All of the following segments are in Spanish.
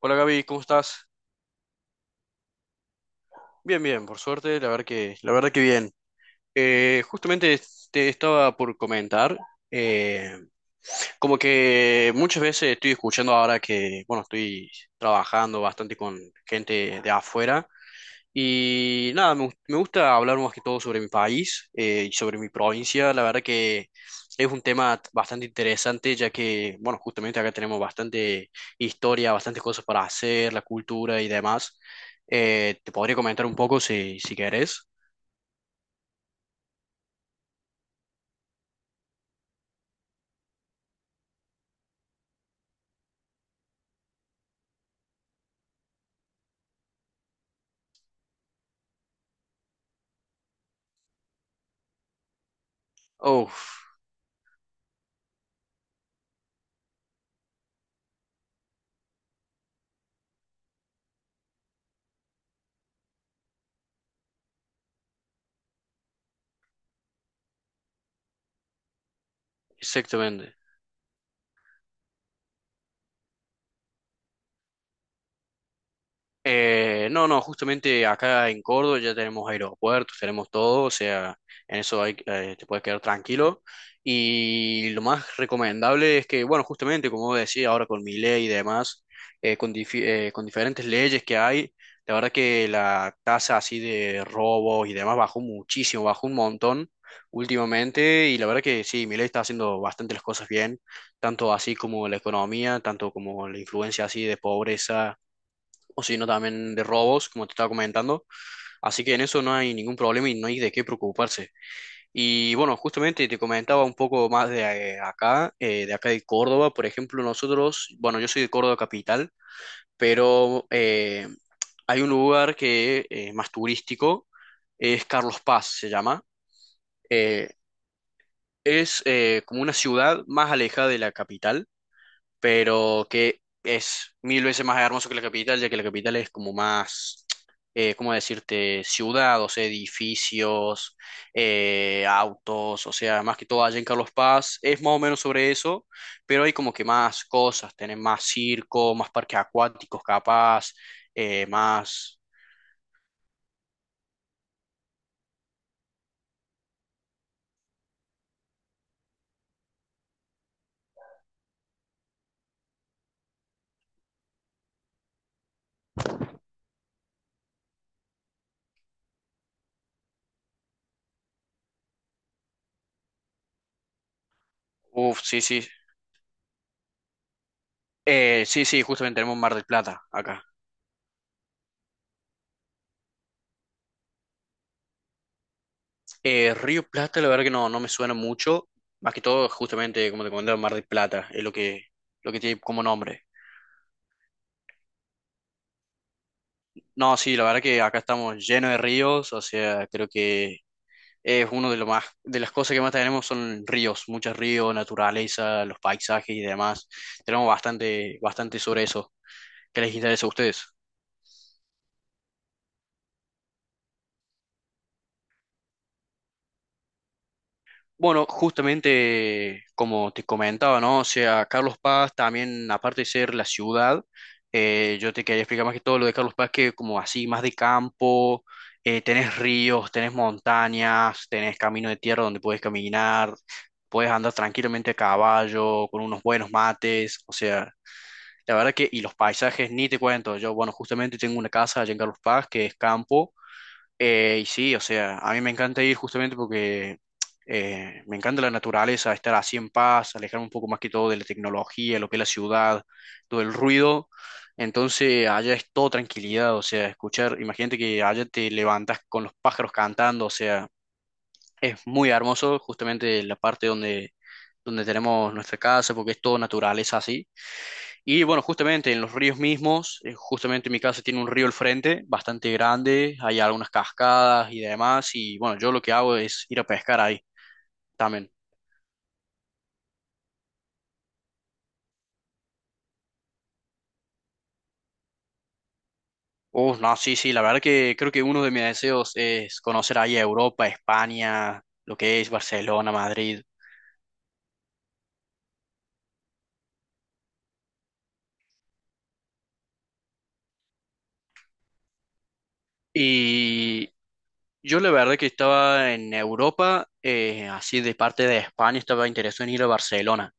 Hola Gaby, ¿cómo estás? Bien, bien, por suerte, la verdad que bien. Justamente te estaba por comentar, eh, como que muchas veces estoy escuchando ahora que, bueno, estoy trabajando bastante con gente de afuera. Y nada, me gusta hablar más que todo sobre mi país, y sobre mi provincia. La verdad que es un tema bastante interesante, ya que, bueno, justamente acá tenemos bastante historia, bastantes cosas para hacer, la cultura y demás. Te podría comentar un poco si querés. Uf, exactamente. No, no, justamente acá en Córdoba ya tenemos aeropuertos, tenemos todo, o sea, en eso te puedes quedar tranquilo. Y lo más recomendable es que, bueno, justamente como decía ahora con mi ley y demás, con diferentes leyes que hay, la verdad que la tasa así de robos y demás bajó muchísimo, bajó un montón últimamente y la verdad que sí, mi ley está haciendo bastante las cosas bien, tanto así como la economía, tanto como la influencia así de pobreza o si no también de robos, como te estaba comentando. Así que en eso no hay ningún problema y no hay de qué preocuparse. Y bueno, justamente te comentaba un poco más de de acá de Córdoba, por ejemplo, nosotros, bueno, yo soy de Córdoba capital, pero hay un lugar que es más turístico, es Carlos Paz, se llama. Eh, es como una ciudad más alejada de la capital pero que es mil veces más hermoso que la capital, ya que la capital es como más, ¿cómo decirte? Ciudad, o sea, edificios, autos, o sea, más que todo allá en Carlos Paz, es más o menos sobre eso, pero hay como que más cosas, tienen más circo, más parques acuáticos capaz, más... Uf, sí, sí. Sí, sí, justamente tenemos Mar del Plata acá. Río Plata, la verdad que no me suena mucho. Más que todo, justamente, como te comenté, Mar del Plata es lo que tiene como nombre. No, sí, la verdad que acá estamos llenos de ríos, o sea, creo que es uno de lo más, de las cosas que más tenemos son ríos, muchos ríos, naturaleza, los paisajes y demás. Tenemos bastante sobre eso. ¿Qué les interesa a ustedes? Bueno, justamente como te comentaba, ¿no? O sea, Carlos Paz también, aparte de ser la ciudad, yo te quería explicar más que todo lo de Carlos Paz, que como así, más de campo, tenés ríos, tenés montañas, tenés camino de tierra donde puedes caminar, puedes andar tranquilamente a caballo, con unos buenos mates, o sea, la verdad que, y los paisajes, ni te cuento, yo, bueno, justamente tengo una casa allá en Carlos Paz que es campo. Y sí, o sea, a mí me encanta ir justamente porque me encanta la naturaleza, estar así en paz, alejarme un poco más que todo de la tecnología, lo que es la ciudad, todo el ruido. Entonces, allá es todo tranquilidad, o sea, escuchar, imagínate que allá te levantas con los pájaros cantando, o sea, es muy hermoso justamente donde tenemos nuestra casa, porque es todo naturaleza así. Y bueno, justamente en los ríos mismos, justamente mi casa tiene un río al frente, bastante grande, hay algunas cascadas y demás, y bueno, yo lo que hago es ir a pescar ahí también. No, sí, sí, la verdad que creo que uno de mis deseos es conocer ahí Europa, España, lo que es Barcelona, Madrid. Y yo la verdad que estaba en Europa, así de parte de España, estaba interesado en ir a Barcelona.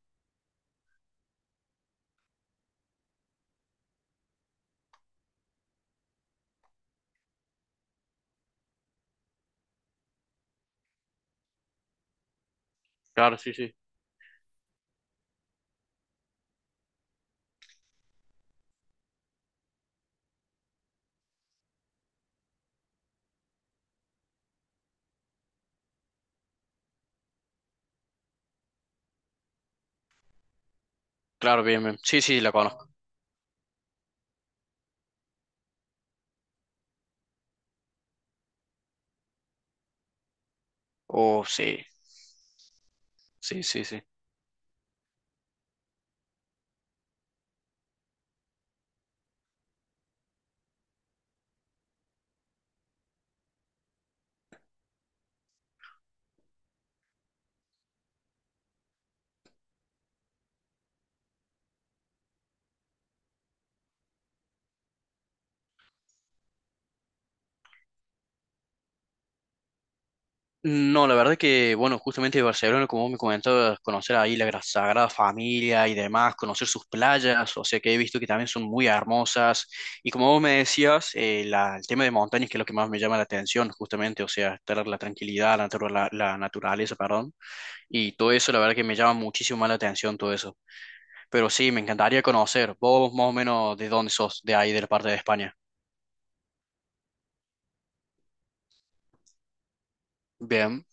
Claro, sí, sí. Claro, bien, bien. Sí, sí, la conozco. Oh, sí, sí, sí, sí. No, la verdad que, bueno, justamente de Barcelona, como vos me comentabas, conocer ahí la Sagrada Familia y demás, conocer sus playas, o sea que he visto que también son muy hermosas. Y como vos me decías, el tema de montañas, que es lo que más me llama la atención, justamente, o sea, estar la tranquilidad, la la naturaleza, perdón. Y todo eso, la verdad que me llama muchísimo más la atención todo eso. Pero sí, me encantaría conocer. Vos más o menos de dónde sos, de ahí, de la parte de España. Bien.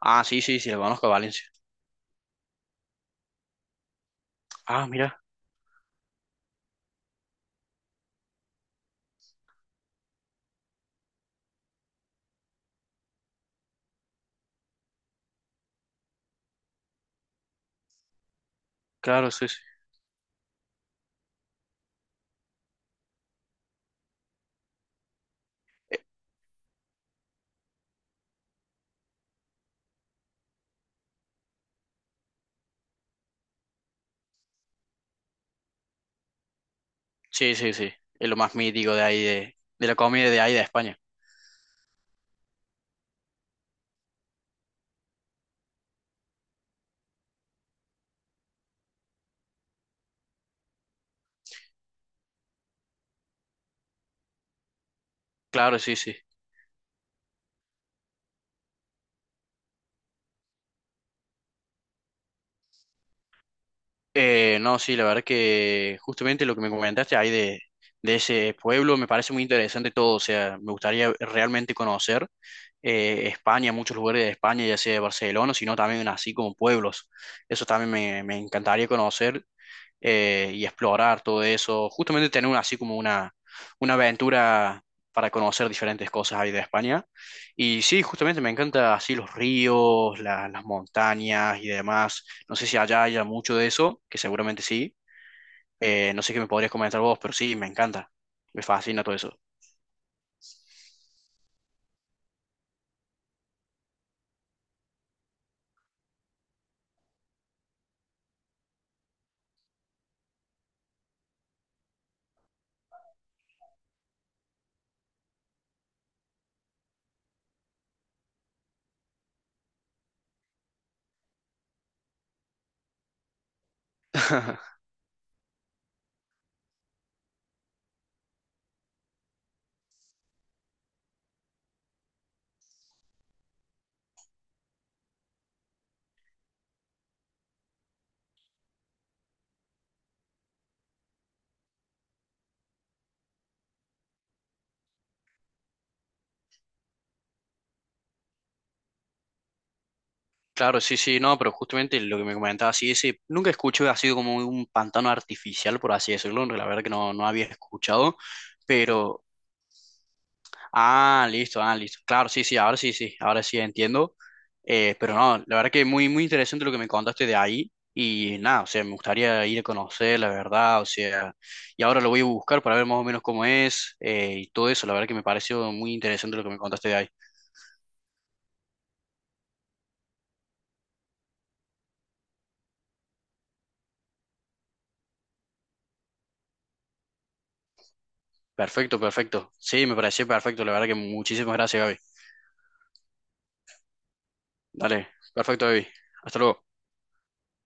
Ah, sí, sí, sí, lo conozco a Valencia. Ah, mira, claro, sí, sí. Sí, sí, sí. Es lo más mítico de ahí, de la comida de ahí de España. Claro, sí, sí. No, sí, la verdad que justamente lo que me comentaste ahí de ese pueblo me parece muy interesante todo. O sea, me gustaría realmente conocer España, muchos lugares de España, ya sea de Barcelona, sino también así como pueblos. Eso también me encantaría conocer. Y explorar todo eso. Justamente tener así como una aventura para conocer diferentes cosas ahí de España. Y sí, justamente me encanta así los ríos, las montañas y demás. No sé si allá haya mucho de eso, que seguramente sí. No sé qué me podrías comentar vos, pero sí, me encanta. Me fascina todo eso. Claro, sí, sí, no, pero justamente lo que me comentaba, sí, ese, nunca escuché, ha sido como un pantano artificial, por así decirlo, la verdad que no había escuchado, pero ah, listo, ah, listo. Claro, sí, sí, ahora sí, sí, ahora sí entiendo. Pero no, la verdad que muy interesante lo que me contaste de ahí. Y nada, o sea, me gustaría ir a conocer, la verdad, o sea, y ahora lo voy a buscar para ver más o menos cómo es, y todo eso. La verdad que me pareció muy interesante lo que me contaste de ahí. Perfecto, perfecto. Sí, me pareció perfecto. La verdad que muchísimas gracias, Gaby. Dale, perfecto, Gaby. Hasta luego.